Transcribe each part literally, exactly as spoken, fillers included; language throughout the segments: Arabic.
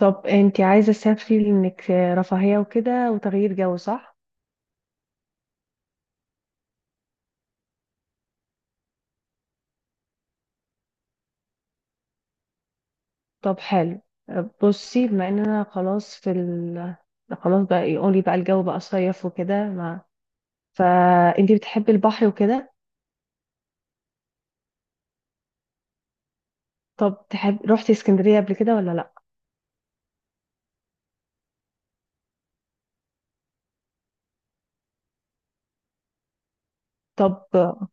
طب انتي عايزة تسافري لانك رفاهية وكده وتغيير جو صح؟ طب حلو، بصي بما اننا خلاص في ال... خلاص بقى، يقولي بقى الجو بقى صيف وكده ما... فانتي بتحبي البحر وكده. طب تحب روحتي اسكندرية قبل كده ولا لا؟ طب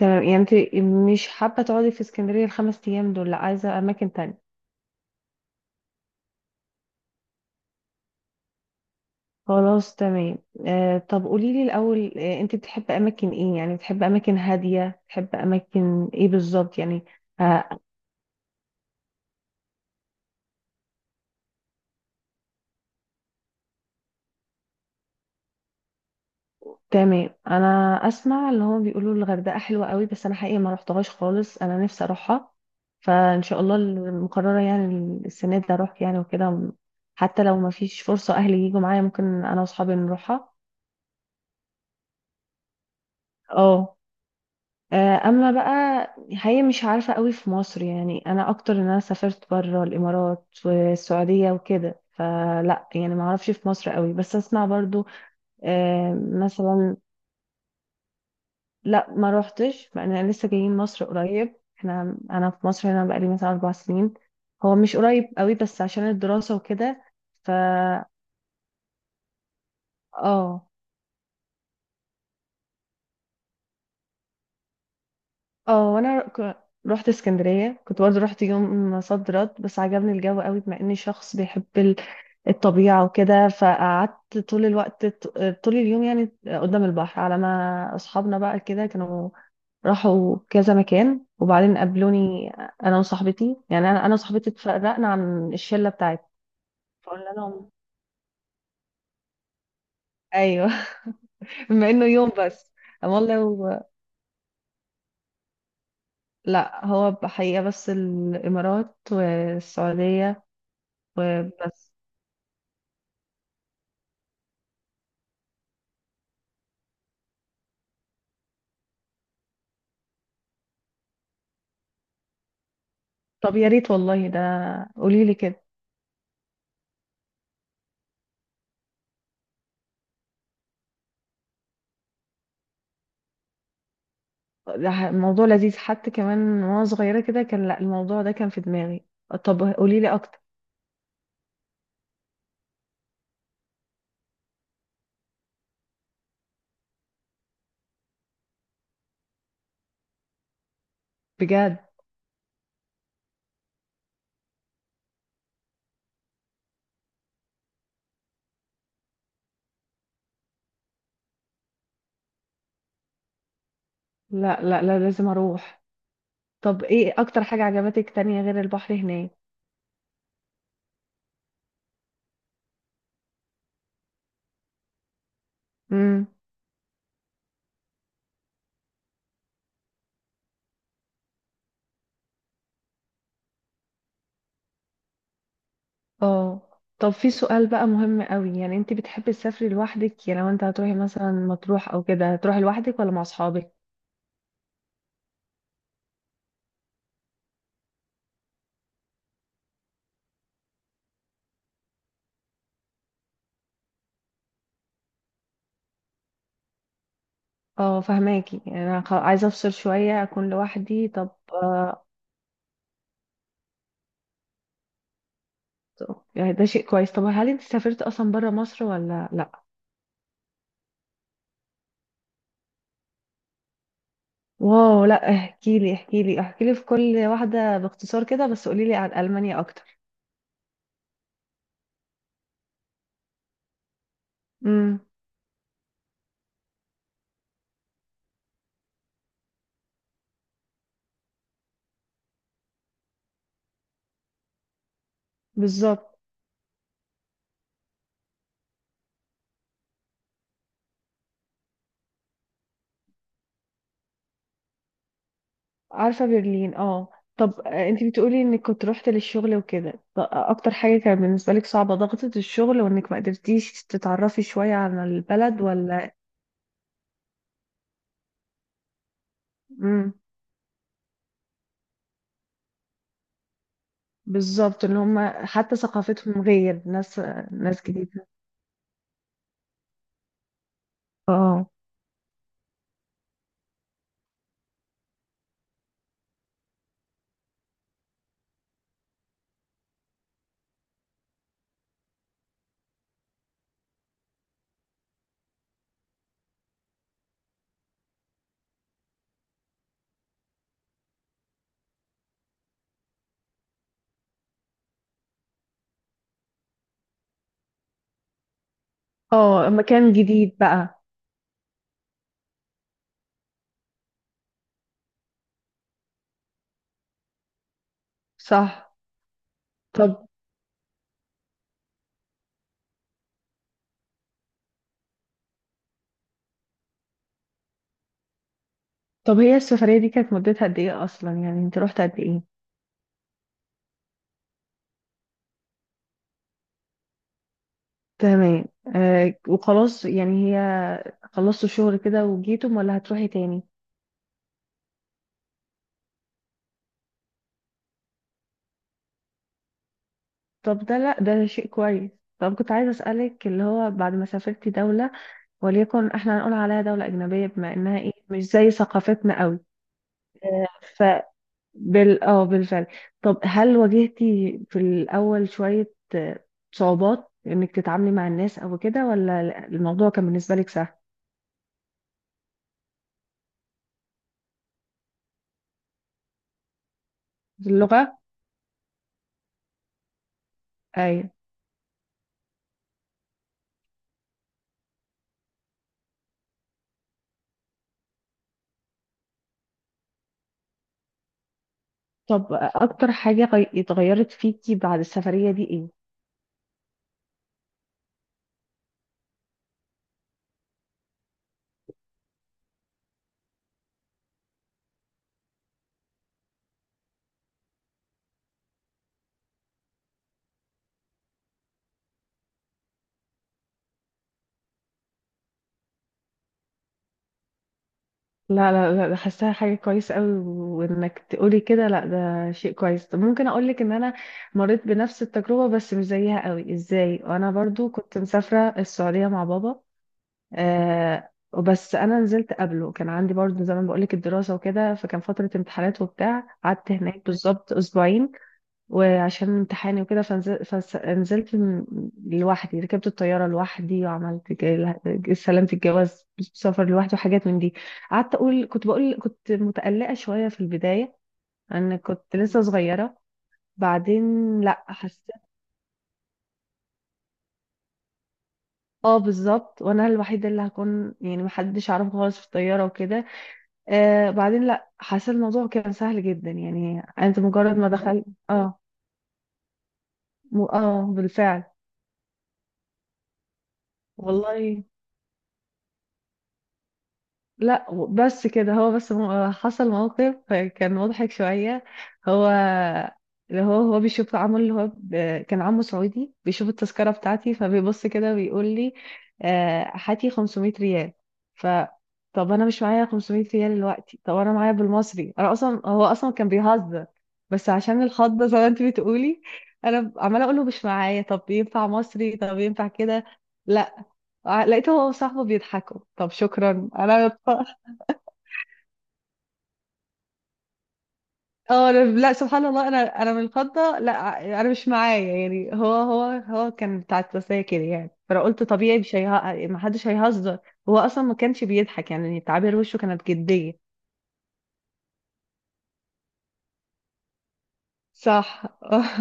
تمام، يعني انتي مش حابة تقعدي في اسكندرية الخمس ايام دول، لا عايزة اماكن تانية. خلاص تمام. آه طب قوليلي الاول، آه انتي بتحبي اماكن ايه؟ يعني بتحبي اماكن هادية، بتحبي اماكن ايه بالظبط يعني؟ آه تمام، انا اسمع اللي هو بيقولوا الغردقه حلوه قوي، بس انا حقيقي ما رحتهاش خالص، انا نفسي اروحها. فان شاء الله المقرره يعني السنه دي اروح يعني وكده، حتى لو ما فيش فرصه اهلي يجوا معايا ممكن انا واصحابي نروحها. اه. آه، اما بقى هي مش عارفه قوي في مصر، يعني انا اكتر ان انا سافرت بره الامارات والسعوديه وكده، فلا يعني ما اعرفش في مصر قوي بس اسمع برضو. آه، مثلا لا، ما روحتش بقى، انا لسه جايين مصر قريب، احنا انا في مصر هنا بقالي مثلا اربع سنين. هو مش قريب قوي بس عشان الدراسة وكده. ف اه. اه وانا ك- رحت اسكندرية، كنت برضه رحت يوم صد رد، بس عجبني الجو قوي بما اني شخص بيحب ال- الطبيعة وكده، فقعدت طول الوقت، طول اليوم يعني قدام البحر، على ما اصحابنا بقى كده كانوا راحوا كذا مكان وبعدين قابلوني. انا وصاحبتي يعني انا انا وصاحبتي اتفرقنا عن الشله بتاعتي، فقلنا لهم ايوه. بما انه يوم بس. قام والله و... لا هو بحقيقه بس الامارات والسعوديه وبس. طب يا ريت والله، ده قولي لي كده. ده ح- الموضوع لذيذ حتى، كمان وانا صغيره كده كان لا الموضوع ده كان في دماغي. طب قولي لي اكتر. بجد؟ لا لا لا لازم اروح. طب ايه اكتر حاجه عجبتك تانية غير البحر هناك؟ امم. اه. طب في سؤال بقى مهم قوي، يعني انت بتحبي تسافري لوحدك؟ يعني لو انت هتروحي مثلا مطروح او كده، هتروحي لوحدك ولا مع اصحابك؟ اه فهماكي، يعني انا خ- عايزه افصل شويه، اكون لوحدي. طب آه. يعني ده شيء كويس. طب هل انت سافرت اصلا بره مصر ولا لا؟ واو، لا احكي لي احكي لي احكي لي في كل واحده باختصار كده، بس قولي لي عن المانيا اكتر. امم. بالظبط. عارفة برلين، اه. طب آه، انتي بتقولي انك كنت روحت للشغل وكده، ط- اكتر حاجة كانت بالنسبة لك صعبة، ضغطة الشغل؟ وانك ما قدرتيش تتعرفي شوية على البلد ولا؟ امم. بالظبط، ان هما حتى ثقافتهم غير، ناس ناس جديدة. اه. اه، مكان جديد بقى. صح. طب طب هي السفرية دي كانت مدتها قد ايه اصلا؟ يعني انت روحت قد ايه؟ تمام. آه وخلاص، يعني هي خلصتوا شغل كده وجيتم ولا هتروحي تاني؟ طب ده لا ده شيء كويس. طب كنت عايزة أسألك، اللي هو بعد ما سافرتي دولة، وليكن احنا هنقول عليها دولة أجنبية بما إنها إيه مش زي ثقافتنا قوي. آه، ف بال اه بالفعل. طب هل واجهتي في الأول شوية آه، صعوبات إنك تتعاملي مع الناس أو كده، ولا لا- الموضوع كان بالنسبة لك سهل؟ اللغة؟ أيوة. طب أكتر حاجة غي- اتغيرت فيكي بعد السفرية دي إيه؟ لا لا لا، ده حاساها حاجة كويسة قوي، وانك تقولي كده لا ده شيء كويس. طب ممكن اقولك ان انا مريت بنفس التجربة بس مش زيها قوي. ازاي؟ وانا برضو كنت مسافرة السعودية مع بابا. آه وبس انا نزلت قبله، كان عندي برضو زي ما بقولك الدراسة وكده، فكان فترة امتحانات وبتاع، قعدت هناك بالظبط اسبوعين وعشان امتحاني وكده، فنزل- فنزلت م- لوحدي، ركبت الطيارة لوحدي وعملت ج- استلمت الجواز سفر لوحدي وحاجات من دي. قعدت أقول، كنت بقول كنت متقلقة شوية في البداية أن كنت لسه صغيرة. بعدين لا حسيت. اه بالظبط، وانا الوحيده اللي هكون يعني محدش عارف خالص في الطياره وكده. آه بعدين لا حسيت الموضوع كان سهل جدا، يعني انت مجرد ما دخلت اه م- اه بالفعل. والله لا، بس كده هو بس م- حصل موقف كان مضحك شوية. هو اللي هو هو بيشوف عمه، اللي هو ب... كان عمه سعودي، بيشوف التذكرة بتاعتي فبيبص كده ويقول لي آه، هاتي خمسمائة ريال. ف طب انا مش معايا خمسمائة ريال دلوقتي، طب انا معايا بالمصري. انا اصلا هو اصلا كان بيهزر، بس عشان الخضة زي ما انت بتقولي انا عمالة اقول له مش معايا، طب ينفع مصري، طب ينفع كده، لا. ع- لقيته هو وصاحبه بيضحكوا، طب شكرا انا. اه أنا- لا سبحان الله، انا انا من الخضه، لا انا مش معايا يعني. هو هو هو كان بتاع التسلية كده يعني، فانا قلت طبيعي مش هيه... ما حدش هيهزر. هو اصلا ما كانش بيضحك يعني، تعابير وشه كانت جديه. صح.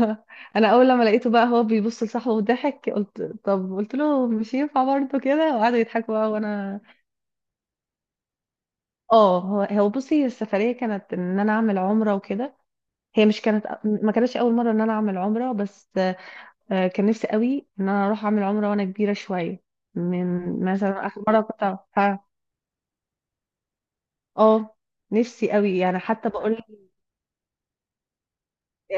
انا اول لما لقيته بقى هو بيبص لصاحبه وضحك، قلت طب، قلت له مش ينفع برضه كده، وقعدوا يضحكوا بقى وانا. اه هو هو بصي السفريه كانت ان انا اعمل عمره وكده، هي مش كانت ما كانتش اول مره ان انا اعمل عمره بس. آه، كان نفسي قوي ان انا اروح اعمل عمره وانا كبيره شويه، من مثلا اخر مره كنت. اه. آه، نفسي قوي يعني، حتى بقول.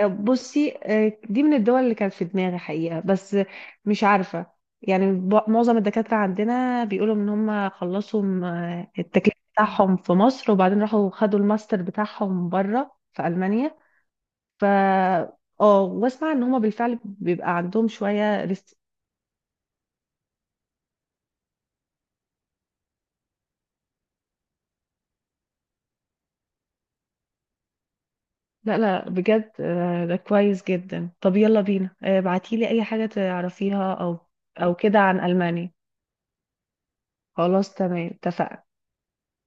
آه، بصي آه، دي من الدول اللي كانت في دماغي حقيقه، بس مش عارفه. يعني ب- معظم الدكاتره عندنا بيقولوا ان هم خلصوا م- آه، التكليف بتاعهم في مصر، وبعدين راحوا خدوا الماستر بتاعهم بره في المانيا. ف اه، واسمع ان هم بالفعل بيبقى عندهم شويه. لا لا بجد، آه، ده كويس جدا. طب يلا بينا، آه، ابعتيلي اي حاجة تعرفيها او او كده عن ألمانيا. خلاص تمام، اتفقنا.